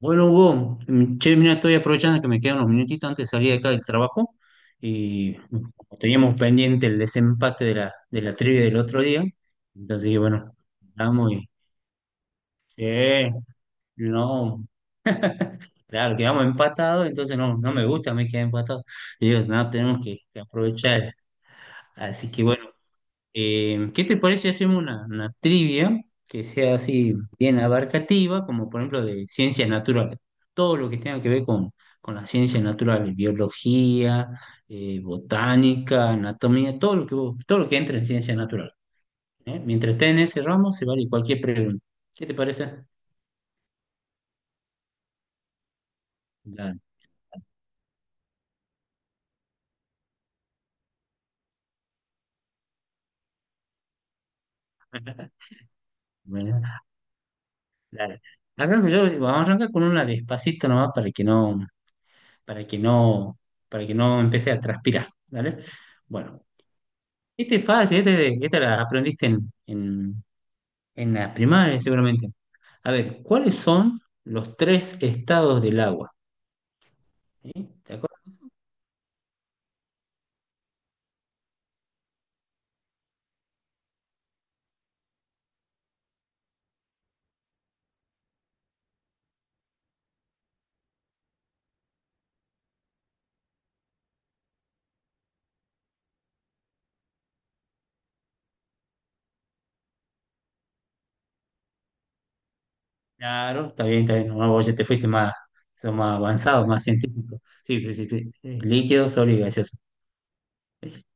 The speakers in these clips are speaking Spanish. Bueno, Hugo, che, mira, estoy aprovechando que me quedan unos minutitos antes de salir de acá del trabajo y como teníamos pendiente el desempate de la trivia del otro día, entonces dije, bueno, vamos y, che, no, claro, quedamos empatados. Entonces no, no me gusta a mí quedar empatados. Digo, no, tenemos que aprovechar. Así que bueno, ¿qué te parece si hacemos una trivia que sea así bien abarcativa, como por ejemplo de ciencias naturales? Todo lo que tenga que ver con las ciencias naturales, biología, botánica, anatomía, todo lo que entre en ciencias naturales. ¿Eh? Mientras esté en ese ramo, se vale cualquier pregunta. ¿Qué te parece? Dale, bueno, dale. Arranco yo, vamos a arrancar con una despacito nomás para que no, para que no empecé a transpirar, ¿vale? Bueno. Este es fácil, esta la aprendiste en la primaria seguramente. A ver, ¿cuáles son los tres estados del agua? ¿Sí? ¿Te acuerdas? Claro, está bien, está bien. No, vos ya te fuiste más, sos más avanzado, más científico. Sí, sí, sí, sí. Líquido, sólido y gaseoso.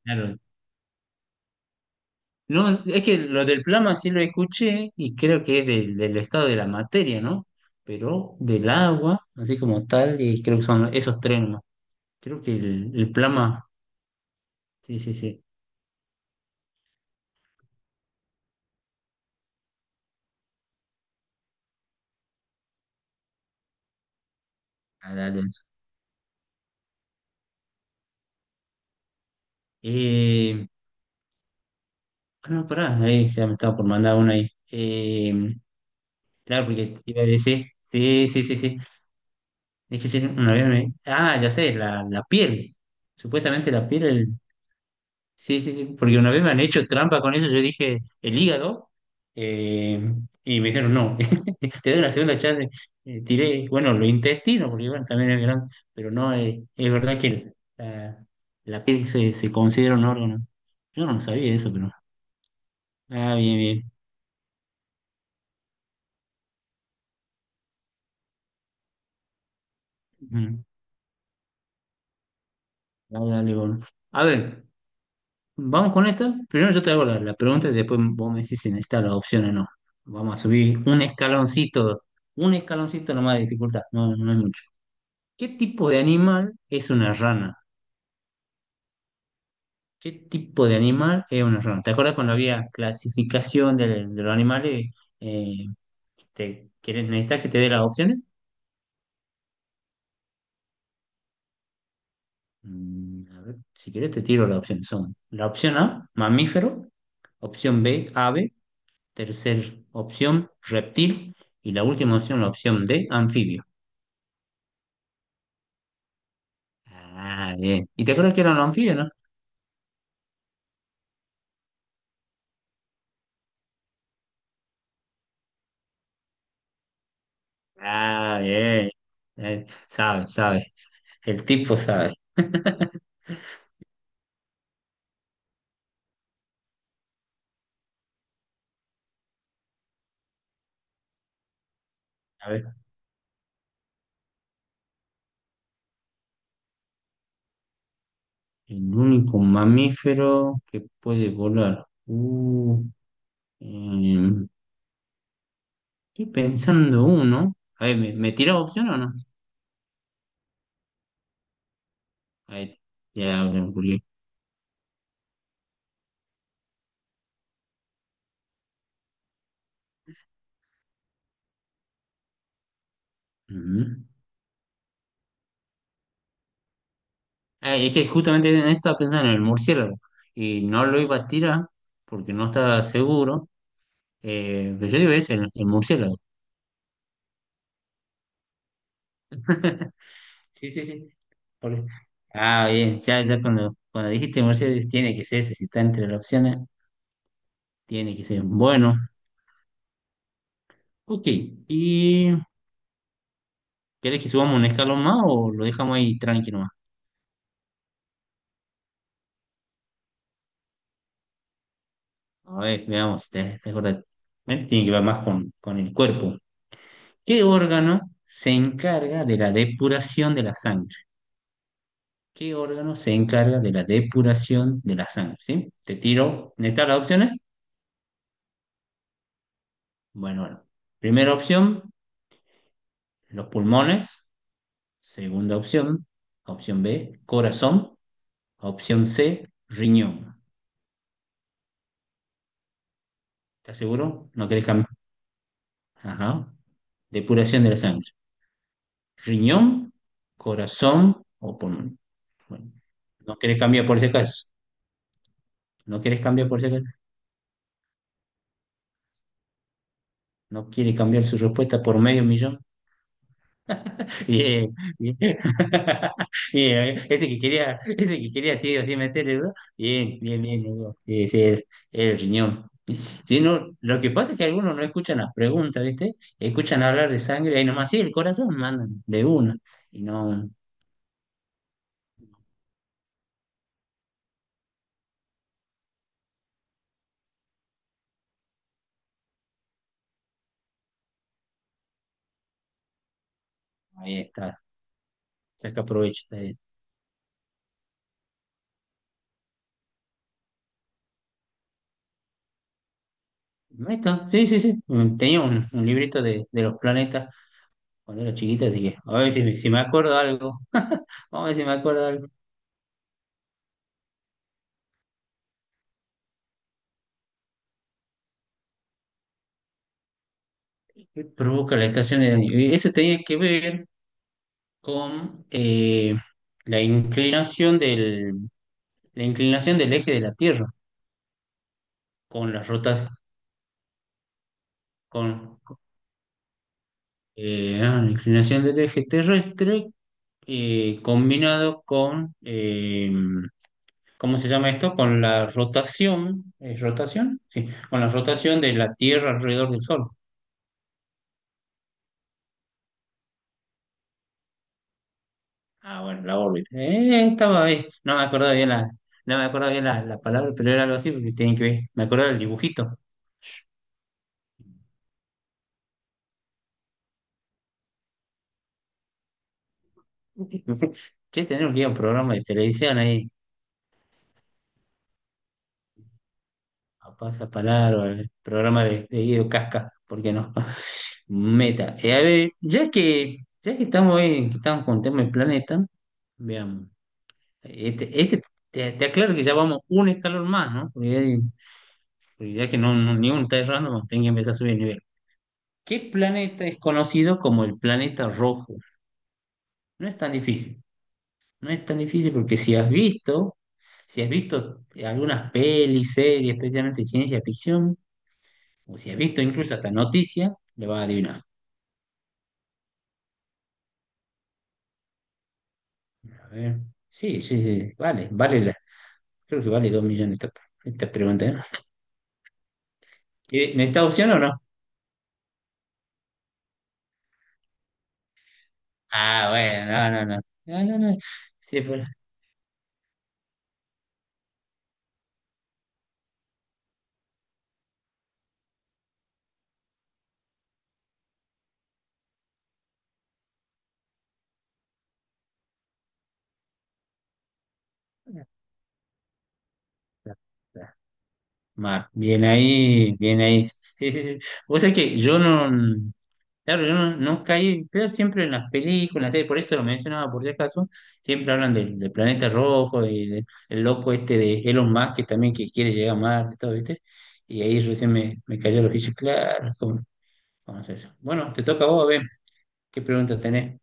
Claro. No, es que lo del plasma sí lo escuché y creo que es del estado de la materia, ¿no? Pero del agua, así como tal, y creo que son esos tres nomás. Creo que el plasma, sí, sí, sí. Eh, ah, no, pará, ahí ya me estaba por mandar una ahí. Claro, porque te iba a decir, sí, sí, sí, sí. Es que sí, una vez me... Ah, ya sé, la piel. Supuestamente la piel, el... Sí, sí, sí, porque una vez me han hecho trampa con eso, yo dije el hígado, eh, y me dijeron no, te doy una segunda chance. Tiré, bueno, los intestinos, porque bueno, también es grande, pero no, es verdad que la piel se considera un órgano. Yo no lo sabía eso, pero... Ah, bien, bien. Mm, dale, dale, bueno. A ver, vamos con esta. Primero yo te hago la pregunta y después vos me decís si necesitas la opción o no. Vamos a subir un escaloncito nomás de dificultad, no, no es mucho. ¿Qué tipo de animal es una rana? ¿Qué tipo de animal es una rana? ¿Te acuerdas cuando había clasificación de los animales? Eh, ¿Quieres, necesitas que te dé las opciones? A ver, si quieres te tiro las opciones. Son la opción A, mamífero, opción B, ave. Tercer opción, reptil. Y la última opción, la opción D, anfibio. Ah, bien. ¿Y te acuerdas que eran los anfibios, no? Ah, bien. Sabe, sabe. El tipo sabe. A ver, el único mamífero que puede volar. Em, estoy pensando uno. A ver, ¿me tirás opción o no? A ver, ya ahora me ocurrió. Ujú. Ah, es que justamente en esto estaba pensando en el murciélago. Y no lo iba a tirar porque no estaba seguro. Pero yo digo eso el murciélago. Sí, sí, sí. Por- ah, bien, ya, ya cuando dijiste murciélago, dije, tiene que ser ese, si está entre las opciones, tiene que ser. Bueno, ok. ¿Y querés que subamos un escalón más o lo dejamos ahí tranquilo más? A ver, veamos, te acordás. Tiene que ver más con el cuerpo. ¿Qué órgano se encarga de la depuración de la sangre? ¿Qué órgano se encarga de la depuración de la sangre? ¿Sí? Te tiro, ¿necesitas las opciones? Bueno, bueno. Primera opción, los pulmones. Segunda opción, opción B, corazón. Opción C, riñón. ¿Estás seguro? ¿No querés cambiar? Ajá. Depuración de la sangre. Riñón, corazón o pulmón. Bueno, no querés cambiar por ese caso. No querés cambiar por ese caso. No quiere cambiar su respuesta por medio millón. Bien, bien. Bien, ese que quería así, así meterle, ¿no? Bien, bien, bien, Hugo. Sí, sí, el riñón. Sí, no, lo que pasa es que algunos no escuchan las preguntas, ¿viste? Escuchan hablar de sangre y ahí nomás, sí, el corazón mandan de una. Y no, ahí está, saca provecho. Está bien. Ahí está, sí, sí, sí. Tenía un librito, de los planetas cuando era chiquita, así que a ver si, si me acuerdo algo. Vamos a ver si me acuerdo algo. ¿Qué provoca la estación de daño? Y eso tenía que ver con la inclinación la inclinación del eje de la Tierra, con las rotas, ah, la inclinación del eje terrestre, combinado con, ¿cómo se llama esto? Con la rotación, ¿es rotación? Sí, con la rotación de la Tierra alrededor del Sol. Ah, bueno, la órbita. Estaba bien, no me acordaba bien la, no me acordaba bien la palabra, pero era algo así porque tienen que ver, me acordaba del dibujito. Che, tenemos que ir a un programa de televisión ahí, a Pasa Palabra, al programa de Guido Casca. ¿Por qué no? Meta. A ver, ya que estamos ahí, que estamos con el tema del planeta, veamos. Este te aclaro que ya vamos un escalón más, ¿no? Porque ya que ni uno está errando, vamos, tienen que empezar a subir el nivel. ¿Qué planeta es conocido como el planeta rojo? No es tan difícil. No es tan difícil porque si has visto algunas pelis, series, especialmente de ciencia ficción, o si has visto incluso hasta noticias, le vas a adivinar. A ver. Sí, sí, sí, vale, vale, creo que vale 2 millones esta pregunta, ¿no? ¿Necesitas opción o no? Ah, bueno, no, no, no. No, no, no. Sí, fue- mar, bien ahí, bien ahí. Sí, sí, sí. Vos sabés que yo no. Claro, yo no caí, claro, siempre en las películas, las series, por eso lo mencionaba por si acaso, siempre hablan del planeta rojo y del el loco este de Elon Musk que también que quiere llegar a Marte, todo, ¿viste? Y ahí recién me cayó los bichos, claro, ¿cómo, cómo es eso? Bueno, te toca a vos, a ver, ¿qué pregunta tenés?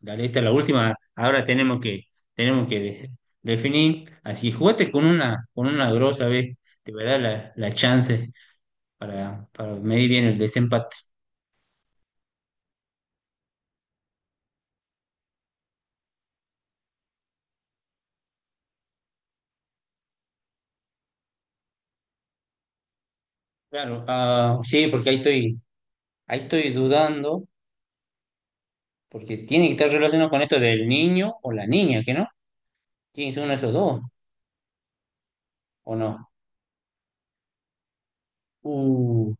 Dale, esta es la última, ahora tenemos que definir, así, jugate con una grosa, vez te va a dar la chance para medir bien el desempate. Claro, ah, sí, porque ahí estoy dudando, porque tiene que estar relacionado con esto del niño o la niña, ¿que no? Tiene que ser uno de esos dos, ¿o no? Uh,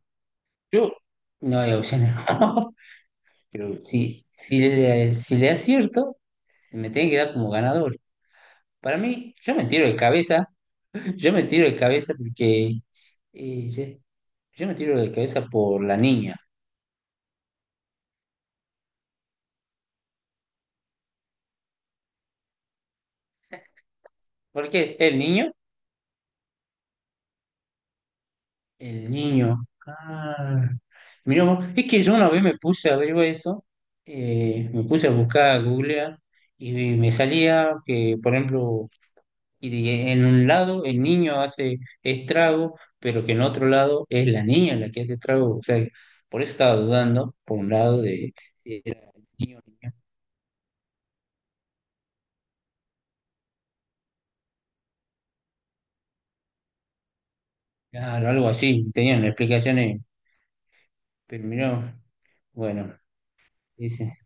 yo. No hay opciones. Pero si le acierto, me tiene que dar como ganador. Para mí, yo me tiro de cabeza, yo me tiro de cabeza porque eh, yo, yo me tiro de cabeza por la niña. ¿Por qué? El niño. El niño. Ah, mira vos, es que yo una vez me puse a ver eso, me puse a buscar, a googlear, y me salía que, por ejemplo, y en un lado el niño hace estrago, pero que en otro lado es la niña la que hace estrago. O sea, por eso estaba dudando, por un lado, de si era niño o niña. Claro, algo así, tenían explicaciones, pero mirá, vos, bueno, dice.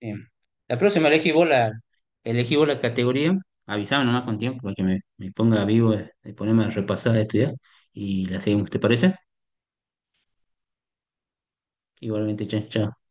Bien. La próxima elegí vos la categoría, avísame nomás con tiempo para que me ponga vivo de ponerme a repasar, a estudiar y la seguimos, ¿te parece? Igualmente, chao. Chao.